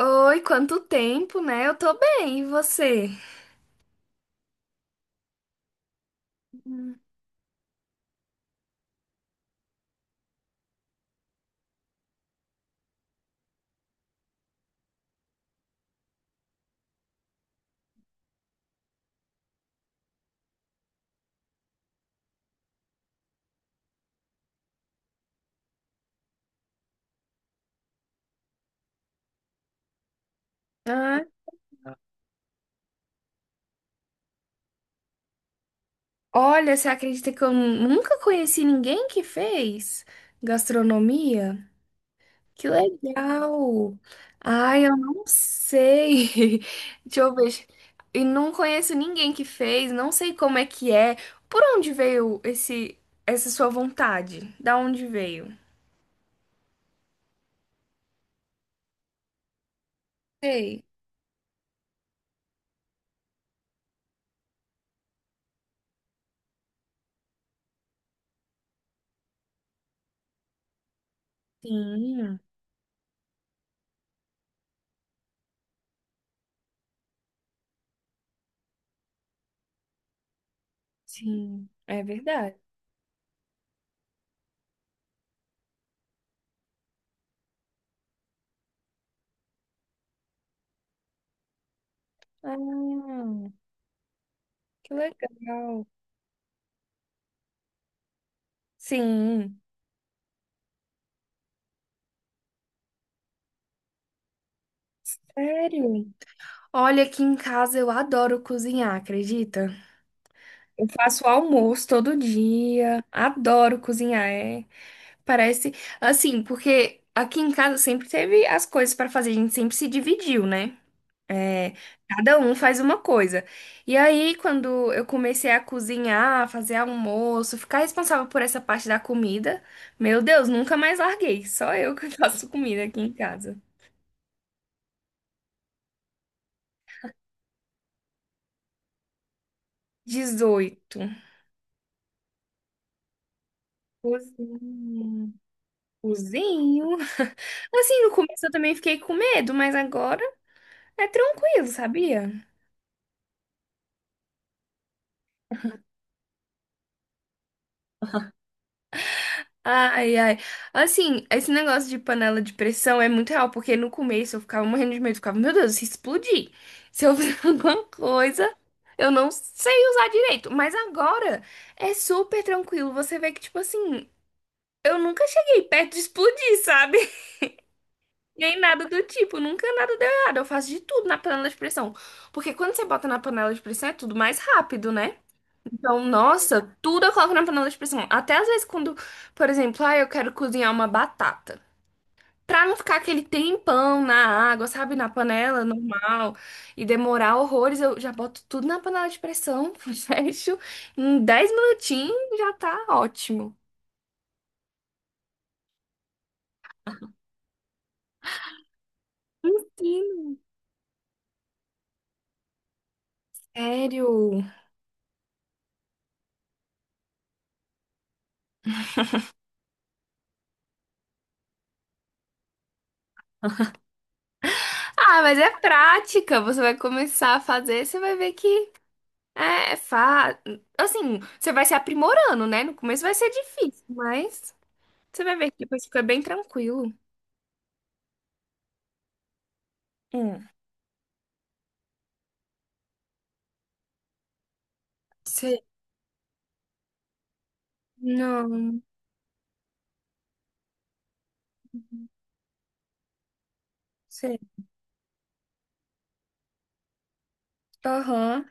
Oi, quanto tempo, né? Eu tô bem, e você? Hum. Ah, olha, você acredita que eu nunca conheci ninguém que fez gastronomia? Que legal! Ai, eu não sei. Deixa eu ver. E não conheço ninguém que fez, não sei como é que é. Por onde veio esse essa sua vontade? Da onde veio? Sei. Sim, sim, é verdade. Ah, que legal. Sim. Sério? Olha, aqui em casa eu adoro cozinhar, acredita? Eu faço almoço todo dia, adoro cozinhar, é. Parece assim, porque aqui em casa sempre teve as coisas pra fazer, a gente sempre se dividiu, né? É, cada um faz uma coisa. E aí, quando eu comecei a cozinhar, fazer almoço, ficar responsável por essa parte da comida, meu Deus, nunca mais larguei. Só eu que faço comida aqui em casa. 18. Cozinho. Cozinho. Assim, no começo eu também fiquei com medo, mas agora é tranquilo, sabia? Ai, ai. Assim, esse negócio de panela de pressão é muito real, porque no começo eu ficava morrendo de medo, eu ficava, meu Deus, se explodir, se eu fizer alguma coisa, eu não sei usar direito. Mas agora é super tranquilo. Você vê que, tipo assim, eu nunca cheguei perto de explodir, sabe? Nem nada do tipo, nunca nada deu errado. Eu faço de tudo na panela de pressão. Porque quando você bota na panela de pressão é tudo mais rápido, né? Então, nossa, tudo eu coloco na panela de pressão. Até às vezes quando, por exemplo, ah, eu quero cozinhar uma batata. Pra não ficar aquele tempão na água, sabe? Na panela normal e demorar horrores, eu já boto tudo na panela de pressão, fecho. Em 10 minutinhos já tá ótimo. Sim. Sério? Ah, mas é prática. Você vai começar a fazer, você vai ver que é, é assim, você vai se aprimorando, né? No começo vai ser difícil, mas você vai ver que depois fica bem tranquilo. Hum. Sei. Não, sei. Aham,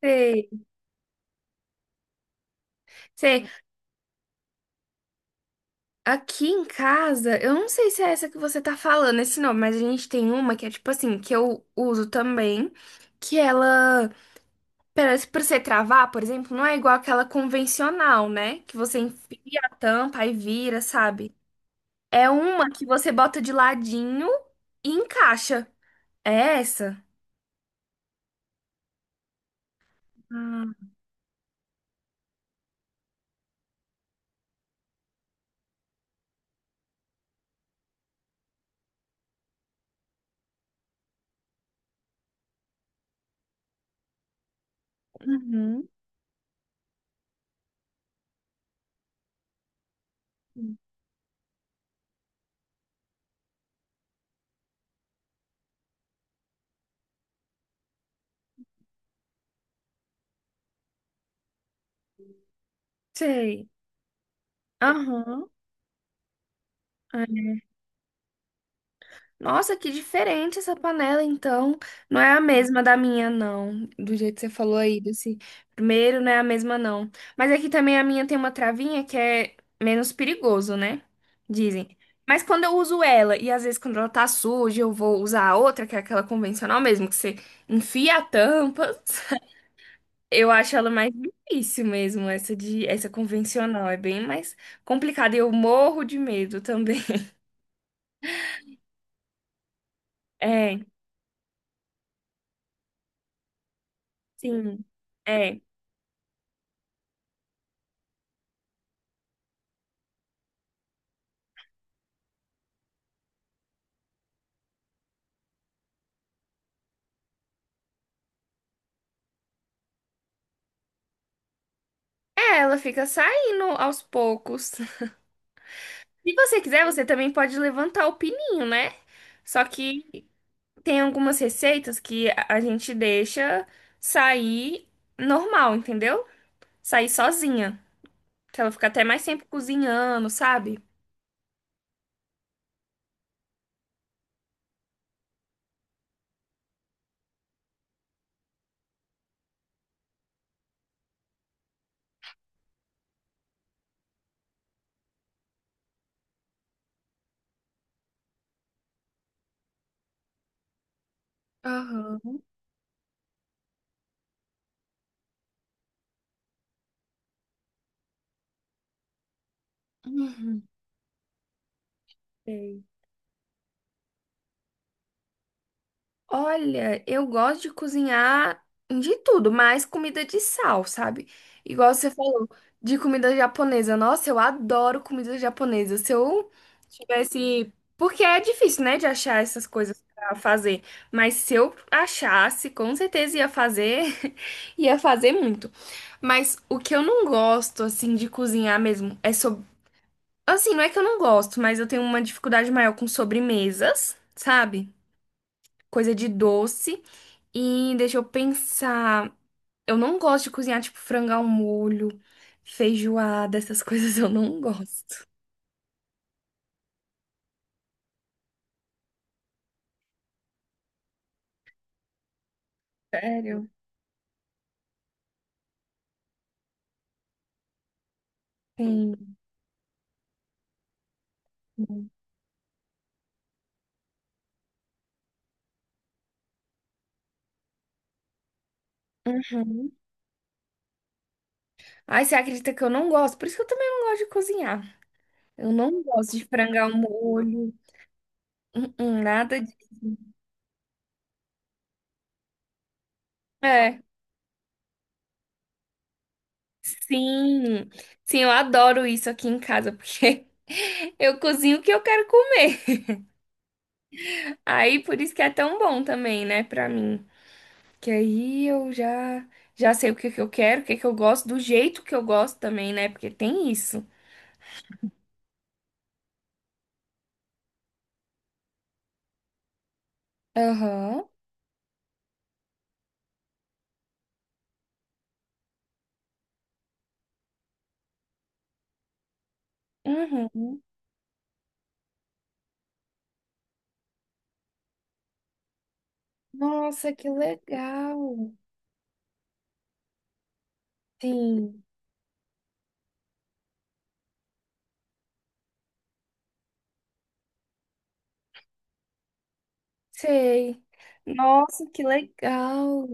sei. Sei. Aqui em casa, eu não sei se é essa que você tá falando, esse nome, mas a gente tem uma que é tipo assim, que eu uso também, que ela, pra você travar, por exemplo, não é igual aquela convencional, né? Que você enfia a tampa e vira, sabe? É uma que você bota de ladinho e encaixa. É essa? Ah, uhum. Sei. Aham. É. Nossa, que diferente essa panela, então. Não é a mesma da minha, não. Do jeito que você falou aí, desse primeiro, não é a mesma, não. Mas aqui também a minha tem uma travinha que é menos perigoso, né? Dizem. Mas quando eu uso ela, e às vezes quando ela tá suja, eu vou usar a outra, que é aquela convencional mesmo, que você enfia a tampa. Eu acho ela mais difícil mesmo, essa convencional. É bem mais complicada. E eu morro de medo também. É, sim. É. É, ela fica saindo aos poucos. Se você quiser, você também pode levantar o pininho, né? Só que tem algumas receitas que a gente deixa sair normal, entendeu? Sair sozinha. Que ela fica até mais tempo cozinhando, sabe? Aham. Uhum. Sei. Olha, eu gosto de cozinhar de tudo, mas comida de sal, sabe? Igual você falou, de comida japonesa. Nossa, eu adoro comida japonesa. Se eu tivesse. Porque é difícil, né, de achar essas coisas pra fazer. Mas se eu achasse, com certeza ia fazer. Ia fazer muito. Mas o que eu não gosto, assim, de cozinhar mesmo é sobre. Assim, não é que eu não gosto, mas eu tenho uma dificuldade maior com sobremesas, sabe? Coisa de doce. E deixa eu pensar. Eu não gosto de cozinhar, tipo, frango ao molho, feijoada, essas coisas eu não gosto. Sério? Sim. Uhum. Ai, você acredita que eu não gosto? Por isso que eu também não gosto de cozinhar. Eu não gosto de frango ao molho, uhum, nada disso. É, sim. Sim, eu adoro isso aqui em casa, porque eu cozinho o que eu quero comer. Aí, por isso que é tão bom também, né, pra mim. Que aí eu já sei o que que eu quero, o que que eu gosto, do jeito que eu gosto também, né? Porque tem isso. Aham. Uhum. Nossa, que legal. Sim, sei. Nossa, que legal.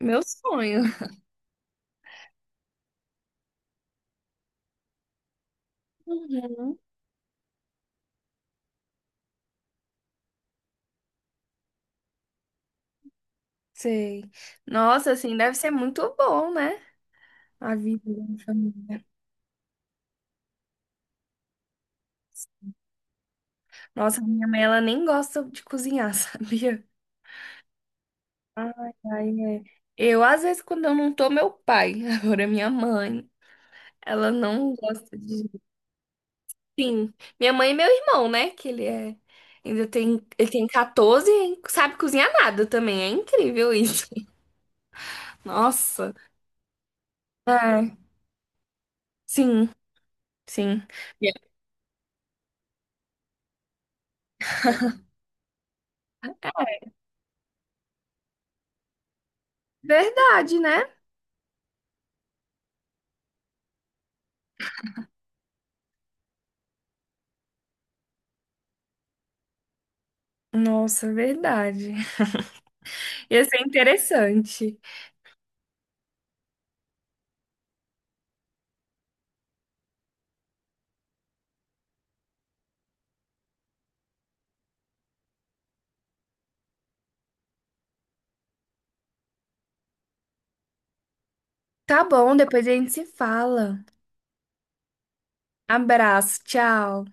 Meu sonho. Uhum. Sei. Nossa, assim, deve ser muito bom, né? A vida em família. Nossa, minha mãe, ela nem gosta de cozinhar, sabia? Ai, ai, é. Eu, às vezes, quando eu não tô, meu pai. Agora, é minha mãe. Ela não gosta de. Sim. Minha mãe e meu irmão, né? Que ele é. Ainda tem. Ele tem 14 e hein, sabe cozinhar nada também. É incrível isso. Nossa. É. Sim, sim. E é verdade, né? Nossa, é verdade. Ia ser interessante. Tá bom, depois a gente se fala. Abraço, tchau.